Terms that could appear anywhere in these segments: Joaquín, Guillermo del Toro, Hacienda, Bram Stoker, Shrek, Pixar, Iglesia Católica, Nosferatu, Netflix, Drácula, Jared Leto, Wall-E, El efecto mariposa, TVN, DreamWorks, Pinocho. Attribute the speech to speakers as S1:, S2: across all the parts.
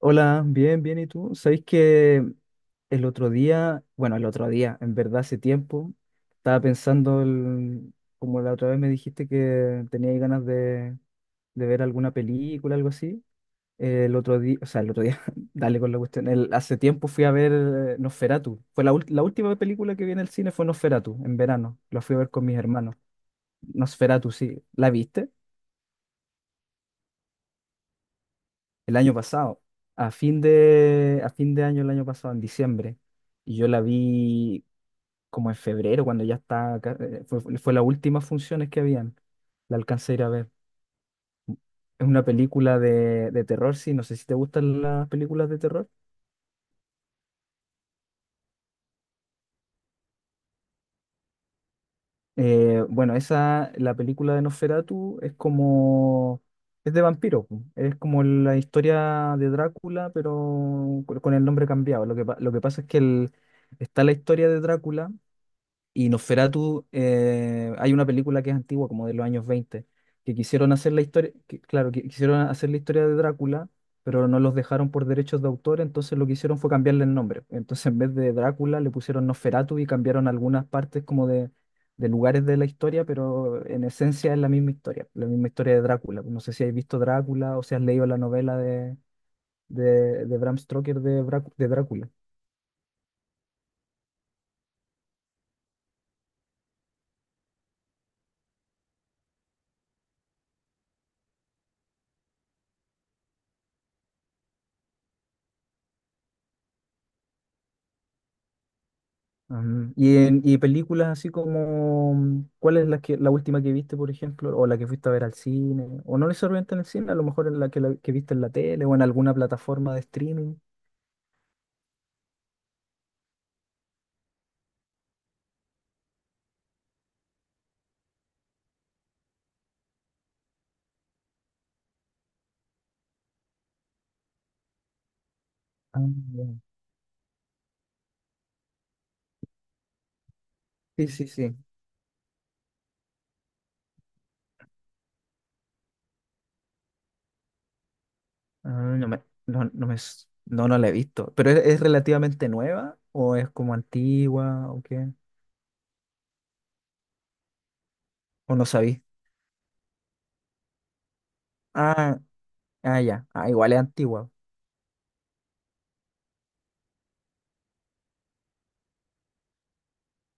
S1: Hola, bien, bien, ¿y tú? ¿Sabéis que el otro día, bueno, el otro día, en verdad hace tiempo, estaba pensando, como la otra vez me dijiste que teníais ganas de ver alguna película, algo así, el otro día, o sea, el otro día, dale con la cuestión, hace tiempo fui a ver Nosferatu, fue la última película que vi en el cine fue Nosferatu, en verano, la fui a ver con mis hermanos, Nosferatu, sí, ¿la viste? El año pasado, a fin de año el año pasado, en diciembre, y yo la vi como en febrero, cuando ya está, fue las últimas funciones que habían, la alcancé a ir a ver. Es una película de terror, sí, no sé si te gustan las películas de terror. La película de Nosferatu es como, es de vampiro, pu. Es como la historia de Drácula, pero con el nombre cambiado. Lo que pasa es que está la historia de Drácula. Y Nosferatu, hay una película que es antigua, como de los años 20, que quisieron hacer la historia, claro, que quisieron hacer la historia de Drácula, pero no los dejaron por derechos de autor. Entonces lo que hicieron fue cambiarle el nombre. Entonces en vez de Drácula le pusieron Nosferatu y cambiaron algunas partes como de lugares de la historia, pero en esencia es la misma historia de Drácula. No sé si habéis visto Drácula o si has leído la novela de Bram Stoker de Drácula. Ujú. Y películas así como, ¿cuál es la última que viste, por ejemplo, o la que fuiste a ver al cine, o no necesariamente en el cine, a lo mejor en que viste en la tele o en alguna plataforma de streaming? Ah, ya. Sí, sí, sí. Ah, no me, no, no me, s- no, no la he visto. ¿Pero es relativamente nueva o es como antigua o qué? ¿O no sabí? Ah, ah, ya. Ah, igual es antigua.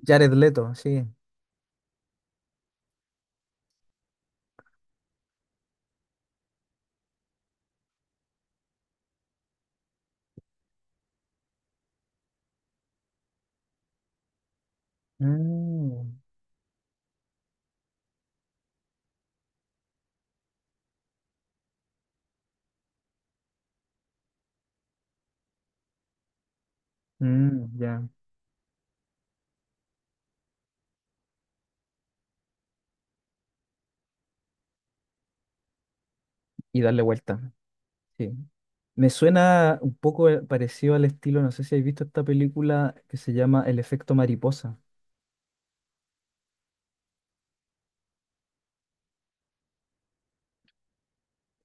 S1: Jared Leto, sí. Mm, mm, ya. Y darle vuelta. Sí. Me suena un poco parecido al estilo, no sé si habéis visto esta película que se llama El efecto mariposa,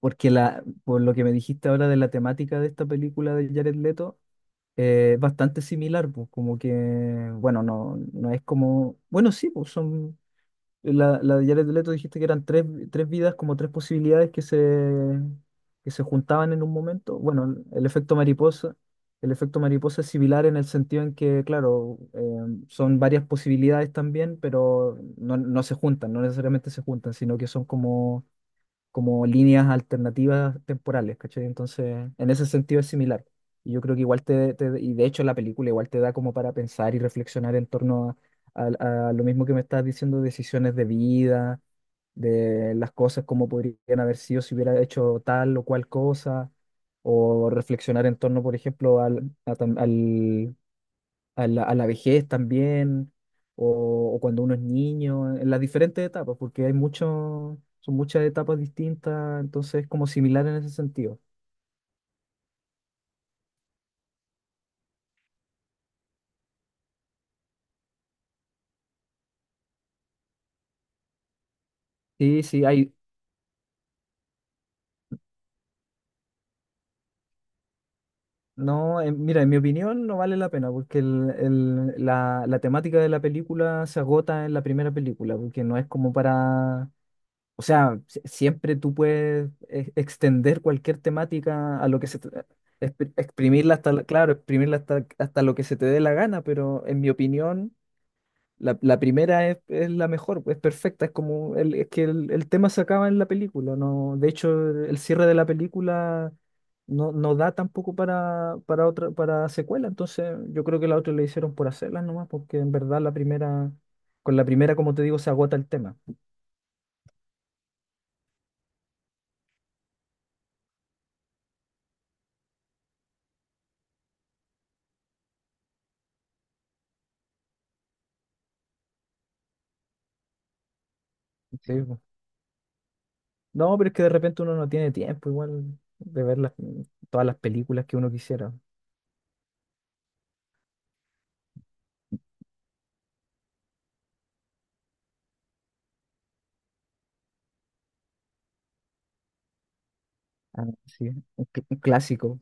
S1: porque por lo que me dijiste ahora de la temática de esta película de Jared Leto, es bastante similar, pues como que, bueno, no, no es como, bueno, sí, pues son... La de Jared Leto dijiste que eran tres vidas, como tres posibilidades que se juntaban en un momento. Bueno, el efecto mariposa es similar en el sentido en que, claro, son varias posibilidades también, pero no, no se juntan, no necesariamente se juntan, sino que son como como líneas alternativas temporales, ¿cachai? Entonces, en ese sentido es similar. Y yo creo que igual y de hecho la película igual te da como para pensar y reflexionar en torno a lo mismo que me estás diciendo, decisiones de vida, de las cosas como podrían haber sido si hubiera hecho tal o cual cosa, o reflexionar en torno, por ejemplo, al a a la vejez también, o cuando uno es niño, en las diferentes etapas, porque hay mucho, son muchas etapas distintas, entonces es como similar en ese sentido. Sí, sí, hay, no, mira, en mi opinión no vale la pena, porque la temática de la película se agota en la primera película, porque no es como para... O sea, siempre tú puedes extender cualquier temática a lo que se, exprimirla claro, exprimirla hasta, hasta lo que se te dé la gana, pero en mi opinión, la primera es la mejor, pues, es perfecta, es como el, es que el tema se acaba en la película, no, de hecho el cierre de la película no, no da tampoco para, para otra, para secuela, entonces yo creo que la otra le hicieron por hacerlas nomás, porque en verdad la primera, con la primera como te digo, se agota el tema. Sí, po. No, pero es que de repente uno no tiene tiempo igual de ver todas las películas que uno quisiera. Ah, sí, un clásico.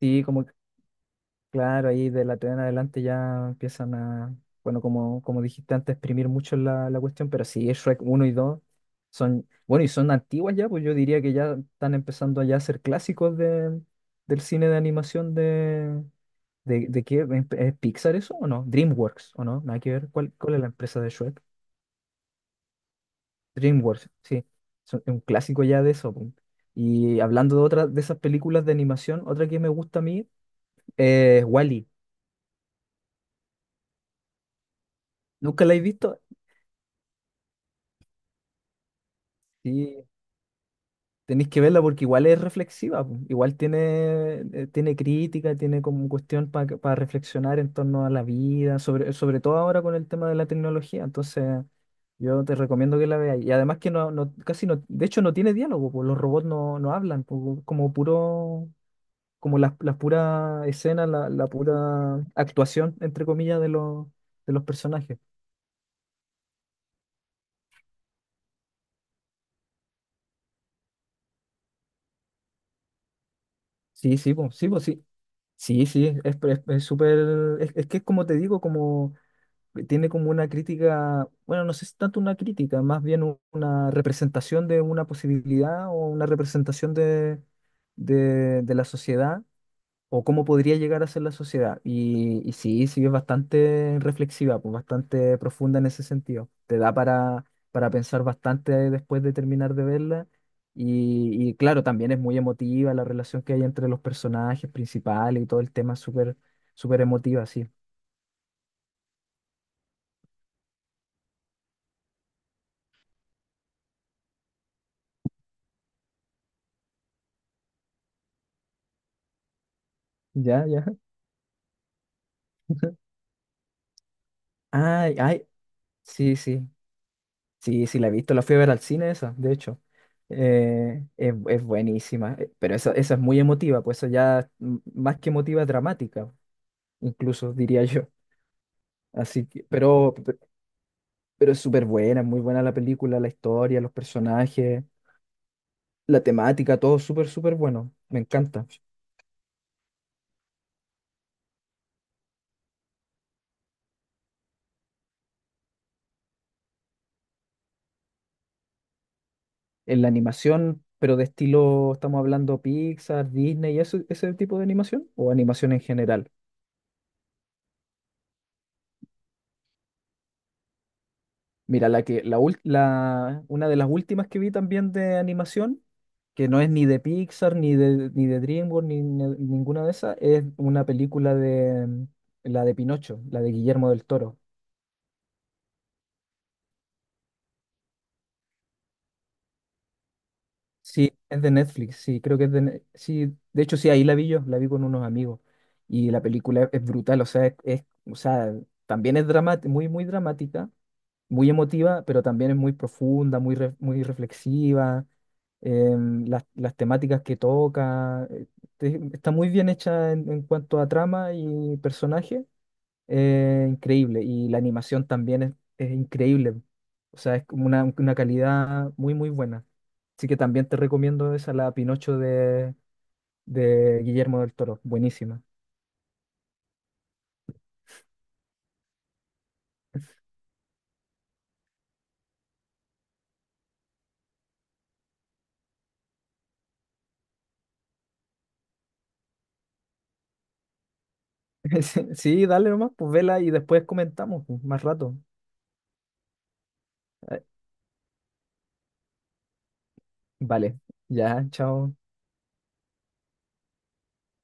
S1: Sí, como... Claro, ahí de la TVN en adelante ya empiezan a, bueno, como, como dijiste antes, exprimir mucho la cuestión, pero sí, Shrek uno y 2 son, bueno, y son antiguas ya, pues yo diría que ya están empezando ya a ser clásicos de, del cine de animación de qué, ¿es Pixar eso o no? DreamWorks, ¿o no? Nada que ver, ¿cuál es la empresa de Shrek? DreamWorks, sí, son es un clásico ya de eso, pues. Y hablando de otra, de esas películas de animación, otra que me gusta a mí es Wall-E. ¿Nunca la he visto? Sí, tenéis que verla porque igual es reflexiva, po. Igual tiene, tiene crítica, tiene como cuestión para reflexionar en torno a la vida, sobre, sobre todo ahora con el tema de la tecnología. Entonces, yo te recomiendo que la veas. Y además que no, casi no, de hecho no tiene diálogo, po. Los robots no, no hablan, po. Como puro, como las puras escenas, la pura actuación, entre comillas, de los personajes. Sí, sí, po, sí, po, sí. Sí, sí, es súper, es que es como te digo, como tiene como una crítica, bueno, no sé si tanto una crítica, más bien una representación de una posibilidad o una representación de la sociedad o cómo podría llegar a ser la sociedad. Y sí, sí es bastante reflexiva, pues bastante profunda en ese sentido. Te da para pensar bastante después de terminar de verla. Y claro, también es muy emotiva la relación que hay entre los personajes principales y todo el tema es súper, súper emotiva, sí. Ya, ya. Ah, sí, sí, sí, sí, la he visto, la fui a ver al cine esa, de hecho. Es buenísima, pero esa es muy emotiva, pues eso ya mm, más que emotiva, es dramática, incluso diría yo. Así que, pero es súper buena, es muy buena la película, la historia, los personajes, la temática, todo súper, súper bueno, me encanta. En la animación, pero de estilo, estamos hablando Pixar, Disney, eso, ese tipo de animación, o animación en general. Mira, la que, la, ul- la- una de las últimas que vi también de animación, que no es ni de Pixar, ni de DreamWorks, ninguna de esas, es una película de mm, la de Pinocho, la de Guillermo del Toro. Sí, es de Netflix, sí, creo que es de... Ne- Sí, de hecho sí, ahí la vi yo, la vi con unos amigos. Y la película es, brutal, o sea, o sea, también es dramática, muy, muy dramática, muy emotiva, pero también es muy profunda, muy, muy reflexiva. Em, las temáticas que toca, está muy bien hecha en cuanto a trama y personaje, increíble. Y la animación también es increíble. O sea, es como una calidad muy, muy buena. Así que también te recomiendo esa, la Pinocho de Guillermo del Toro. Buenísima. Sí, sí dale nomás, pues vela y después comentamos pues, más rato. Eh, Vale, ya, chao.